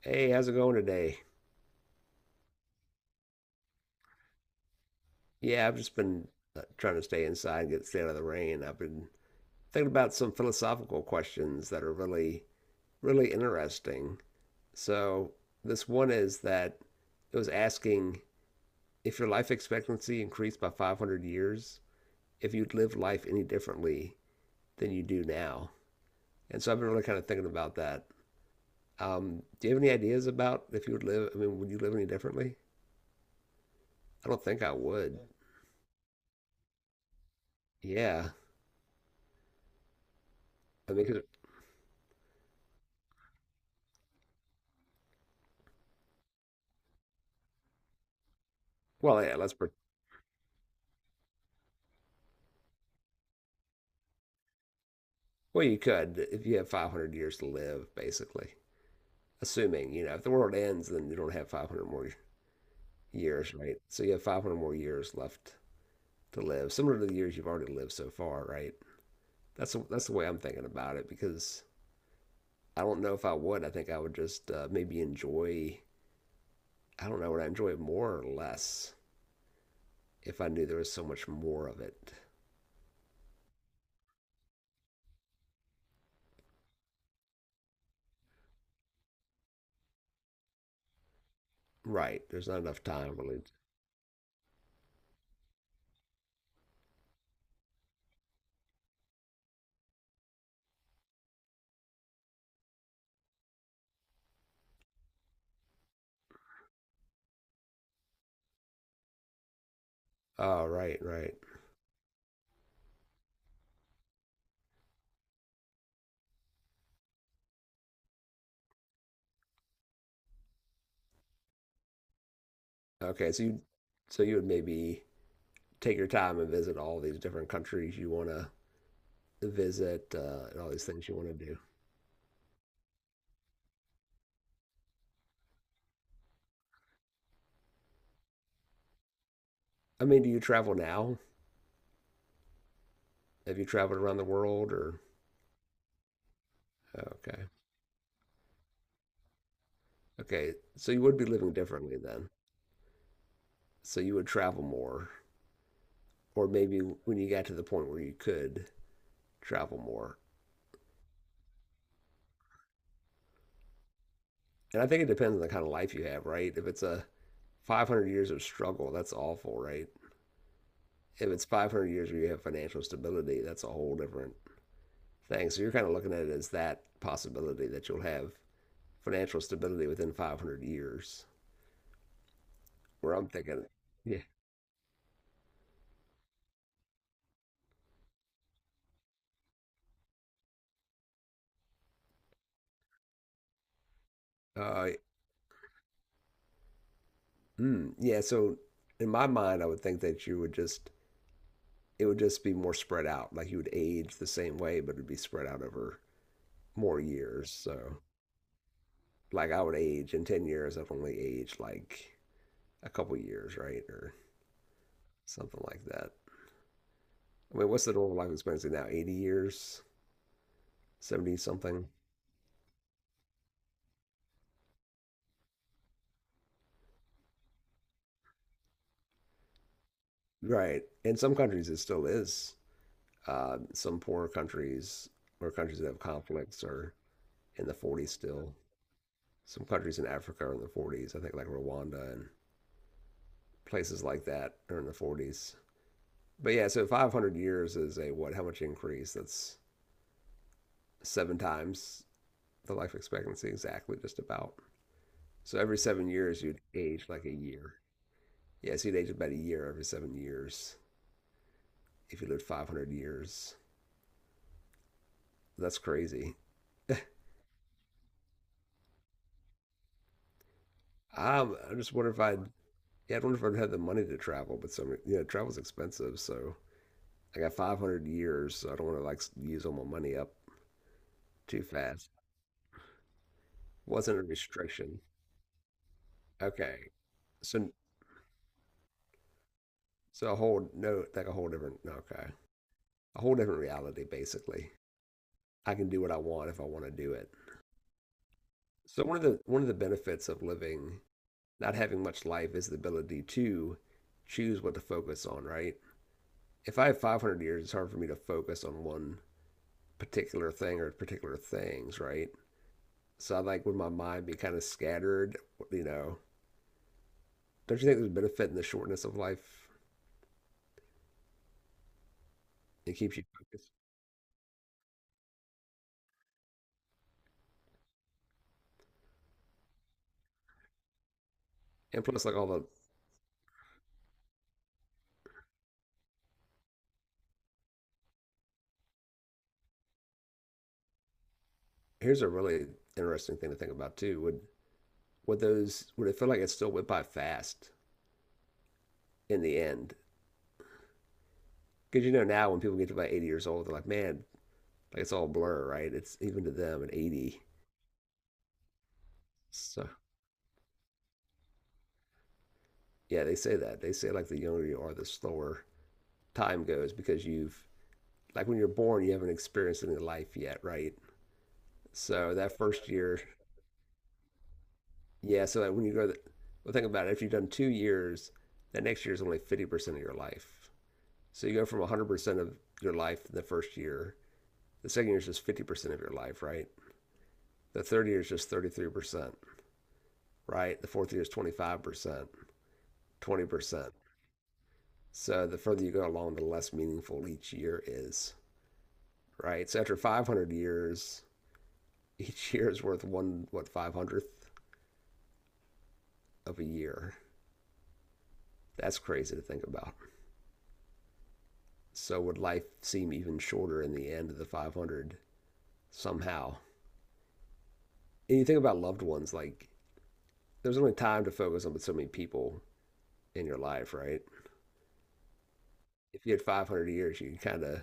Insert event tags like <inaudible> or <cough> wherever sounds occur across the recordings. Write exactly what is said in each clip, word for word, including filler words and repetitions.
Hey, how's it going today? Yeah, I've just been uh, trying to stay inside and get stay out of the rain. I've been thinking about some philosophical questions that are really, really interesting. So, this one is that it was asking if your life expectancy increased by five hundred years, if you'd live life any differently than you do now. And so, I've been really kind of thinking about that. Um, do you have any ideas about if you would live? I mean, would you live any differently? I don't think I would. Yeah. I mean, 'cause- well, yeah, let's pretend. Well, you could if you have five hundred years to live, basically. Assuming, you know, if the world ends, then you don't have five hundred more years, right? So you have five hundred more years left to live, similar to the years you've already lived so far, right? That's that's the way I'm thinking about it because I don't know if I would. I think I would just uh, maybe enjoy. I don't know. Would I enjoy more or less if I knew there was so much more of it? Right. There's not enough time really. Oh, right, right. Okay. So you, so you would maybe take your time and visit all these different countries you want to visit uh, and all these things you want to do. I mean, do you travel now? Have you traveled around the world or? Okay. Okay. So you would be living differently then. So you would travel more, or maybe when you got to the point where you could travel more. And I think it depends on the kind of life you have, right? If it's a five hundred years of struggle, that's awful, right? If it's five hundred years where you have financial stability, that's a whole different thing. So you're kind of looking at it as that possibility that you'll have financial stability within five hundred years. Where I'm thinking, yeah, uh, mm, yeah. So in my mind, I would think that you would just it would just be more spread out. Like you would age the same way, but it'd be spread out over more years. So like I would age in ten years, I've only aged like a couple years, right, or something like that. I mean, what's the normal life expectancy now? eighty years, seventy something, right? In some countries, it still is. Uh, some poorer countries or countries that have conflicts are in the forties still. Some countries in Africa are in the forties. I think like Rwanda and places like that are in the forties. But yeah, so five hundred years is a what? How much increase? That's seven times the life expectancy, exactly, just about. So every seven years, you'd age like a year. Yeah, so you'd age about a year every seven years if you lived five hundred years. That's crazy. I'm, I just wonder if I'd yeah, I don't know if I'd have the money to travel, but some, you know, travel's expensive. So I got five hundred years. So I don't want to like use all my money up too fast. Wasn't a restriction. Okay. So, so a whole, no, like a whole different, no, okay. A whole different reality, basically. I can do what I want if I want to do it. So one of the, one of the benefits of living, not having much life is the ability to choose what to focus on, right? If I have five hundred years, it's hard for me to focus on one particular thing or particular things, right? So I like would my mind be kind of scattered, you know. Don't you think there's benefit in the shortness of life? It keeps you focused. And plus like all the here's a really interesting thing to think about too. Would would those would it feel like it still went by fast in the end? Because you know now when people get to about eighty years old, they're like, man, like it's all blur, right? It's even to them at eighty. So yeah, they say that. They say like the younger you are, the slower time goes because you've like when you're born, you haven't experienced any life yet, right? So that first year. Yeah, so like when you go to the, well, think about it. After you've done two years, that next year is only fifty percent of your life. So you go from one hundred percent of your life in the first year. The second year is just fifty percent of your life, right? The third year is just thirty-three percent, right? The fourth year is twenty-five percent, twenty percent. So the further you go along, the less meaningful each year is, right? So after five hundred years, <laughs> each year is worth one, what, five hundredth of a year. That's crazy to think about. So would life seem even shorter in the end of the five hundred somehow? And you think about loved ones, like there's only time to focus on but so many people in your life, right? If you had five hundred years, you can kind of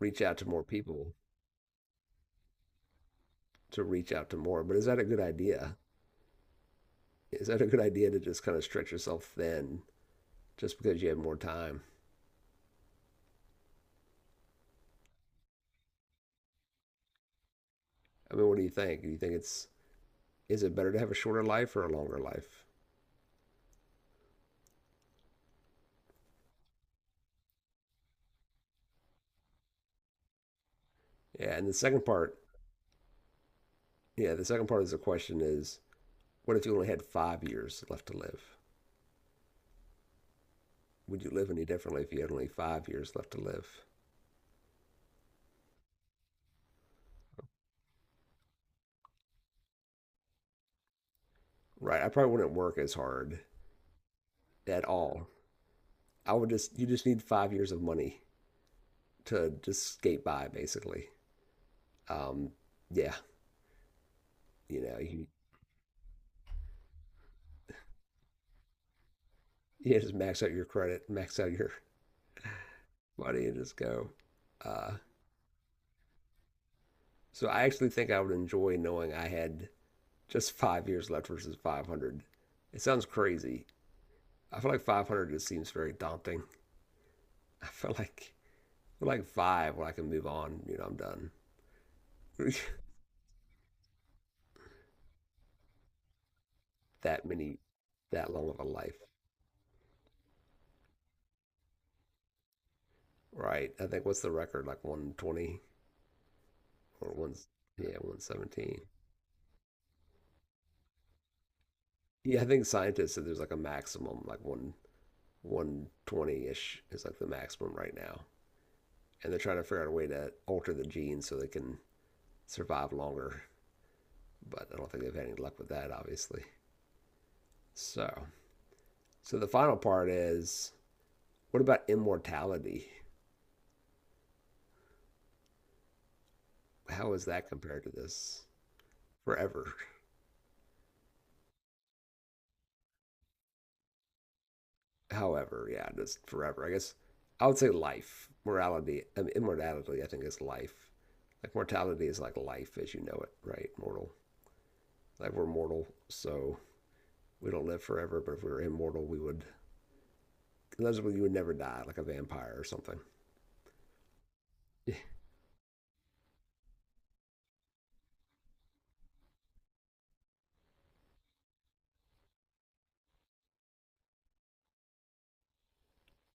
reach out to more people to reach out to more. But is that a good idea? Is that a good idea to just kind of stretch yourself thin just because you have more time? I mean, what do you think? Do you think it's is it better to have a shorter life or a longer life? Yeah, and the second part, yeah, the second part of the question is, what if you only had five years left to live? Would you live any differently if you had only five years left to live? Right. I probably wouldn't work as hard at all. I would just, you just need five years of money to just skate by, basically. Um, yeah. You know, you, you just max out your credit, max out your money, and just go. Uh, so I actually think I would enjoy knowing I had just five years left versus five hundred. It sounds crazy. I feel like five hundred just seems very daunting. <laughs> I feel like I feel like five when I can move on. You know, I'm done. <laughs> that many that long of a life, right? I think what's the record, like one twenty, or one yeah, one seventeen. Yeah, I think scientists said there's like a maximum, like one 120 ish is like the maximum right now, and they're trying to figure out a way to alter the genes so they can survive longer. But I don't think they've had any luck with that, obviously. So, so the final part is what about immortality? How is that compared to this forever? However, yeah, just forever. I guess I would say life, morality, I mean, immortality. I think is life. Like mortality is like life as you know it, right? Mortal. Like we're mortal, so we don't live forever. But if we were immortal, we would. Unless you would never die, like a vampire or something. <laughs>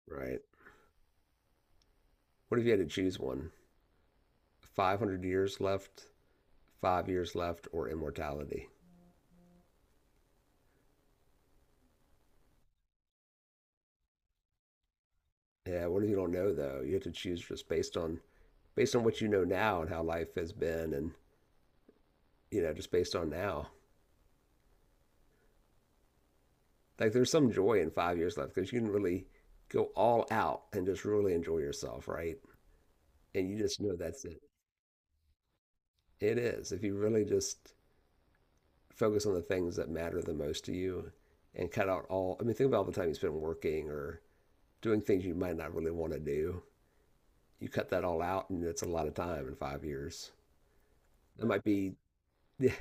Right. What if you had to choose one? five hundred years left, five years left, or immortality? Yeah. What if you don't know though? You have to choose just based on based on what you know now and how life has been, and you know just based on now. Like there's some joy in five years left because you can really go all out and just really enjoy yourself, right? And you just know that's it. It is. If you really just focus on the things that matter the most to you and cut out all, I mean, think about all the time you spend working or doing things you might not really want to do. You cut that all out, and it's a lot of time in five years. It might be, <laughs> yeah,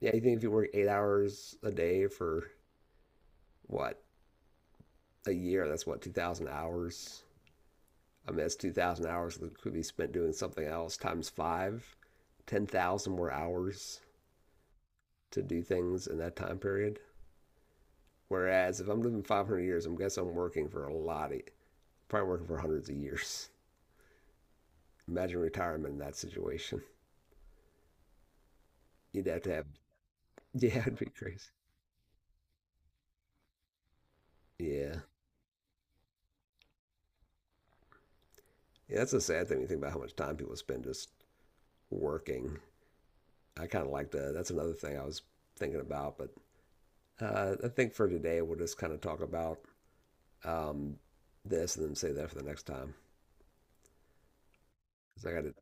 yeah, you think if you work eight hours a day for what, a year, that's what, two thousand hours? I mean, that's two thousand hours that could be spent doing something else times five, ten thousand more hours to do things in that time period. Whereas if I'm living five hundred years, I'm guessing I'm working for a lot of, probably working for hundreds of years. Imagine retirement in that situation. You'd have to have, <laughs> yeah, it'd be crazy. Yeah. Yeah, that's a sad thing when you think about how much time people spend just working. I kind of like that. That's another thing I was thinking about, but uh, I think for today, we'll just kind of talk about um, this and then save that for the next time. 'Cause I gotta,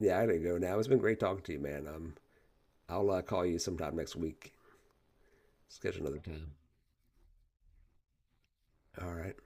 yeah, I gotta go now. It's been great talking to you, man. Um, I'll uh, call you sometime next week. Schedule another time. All right.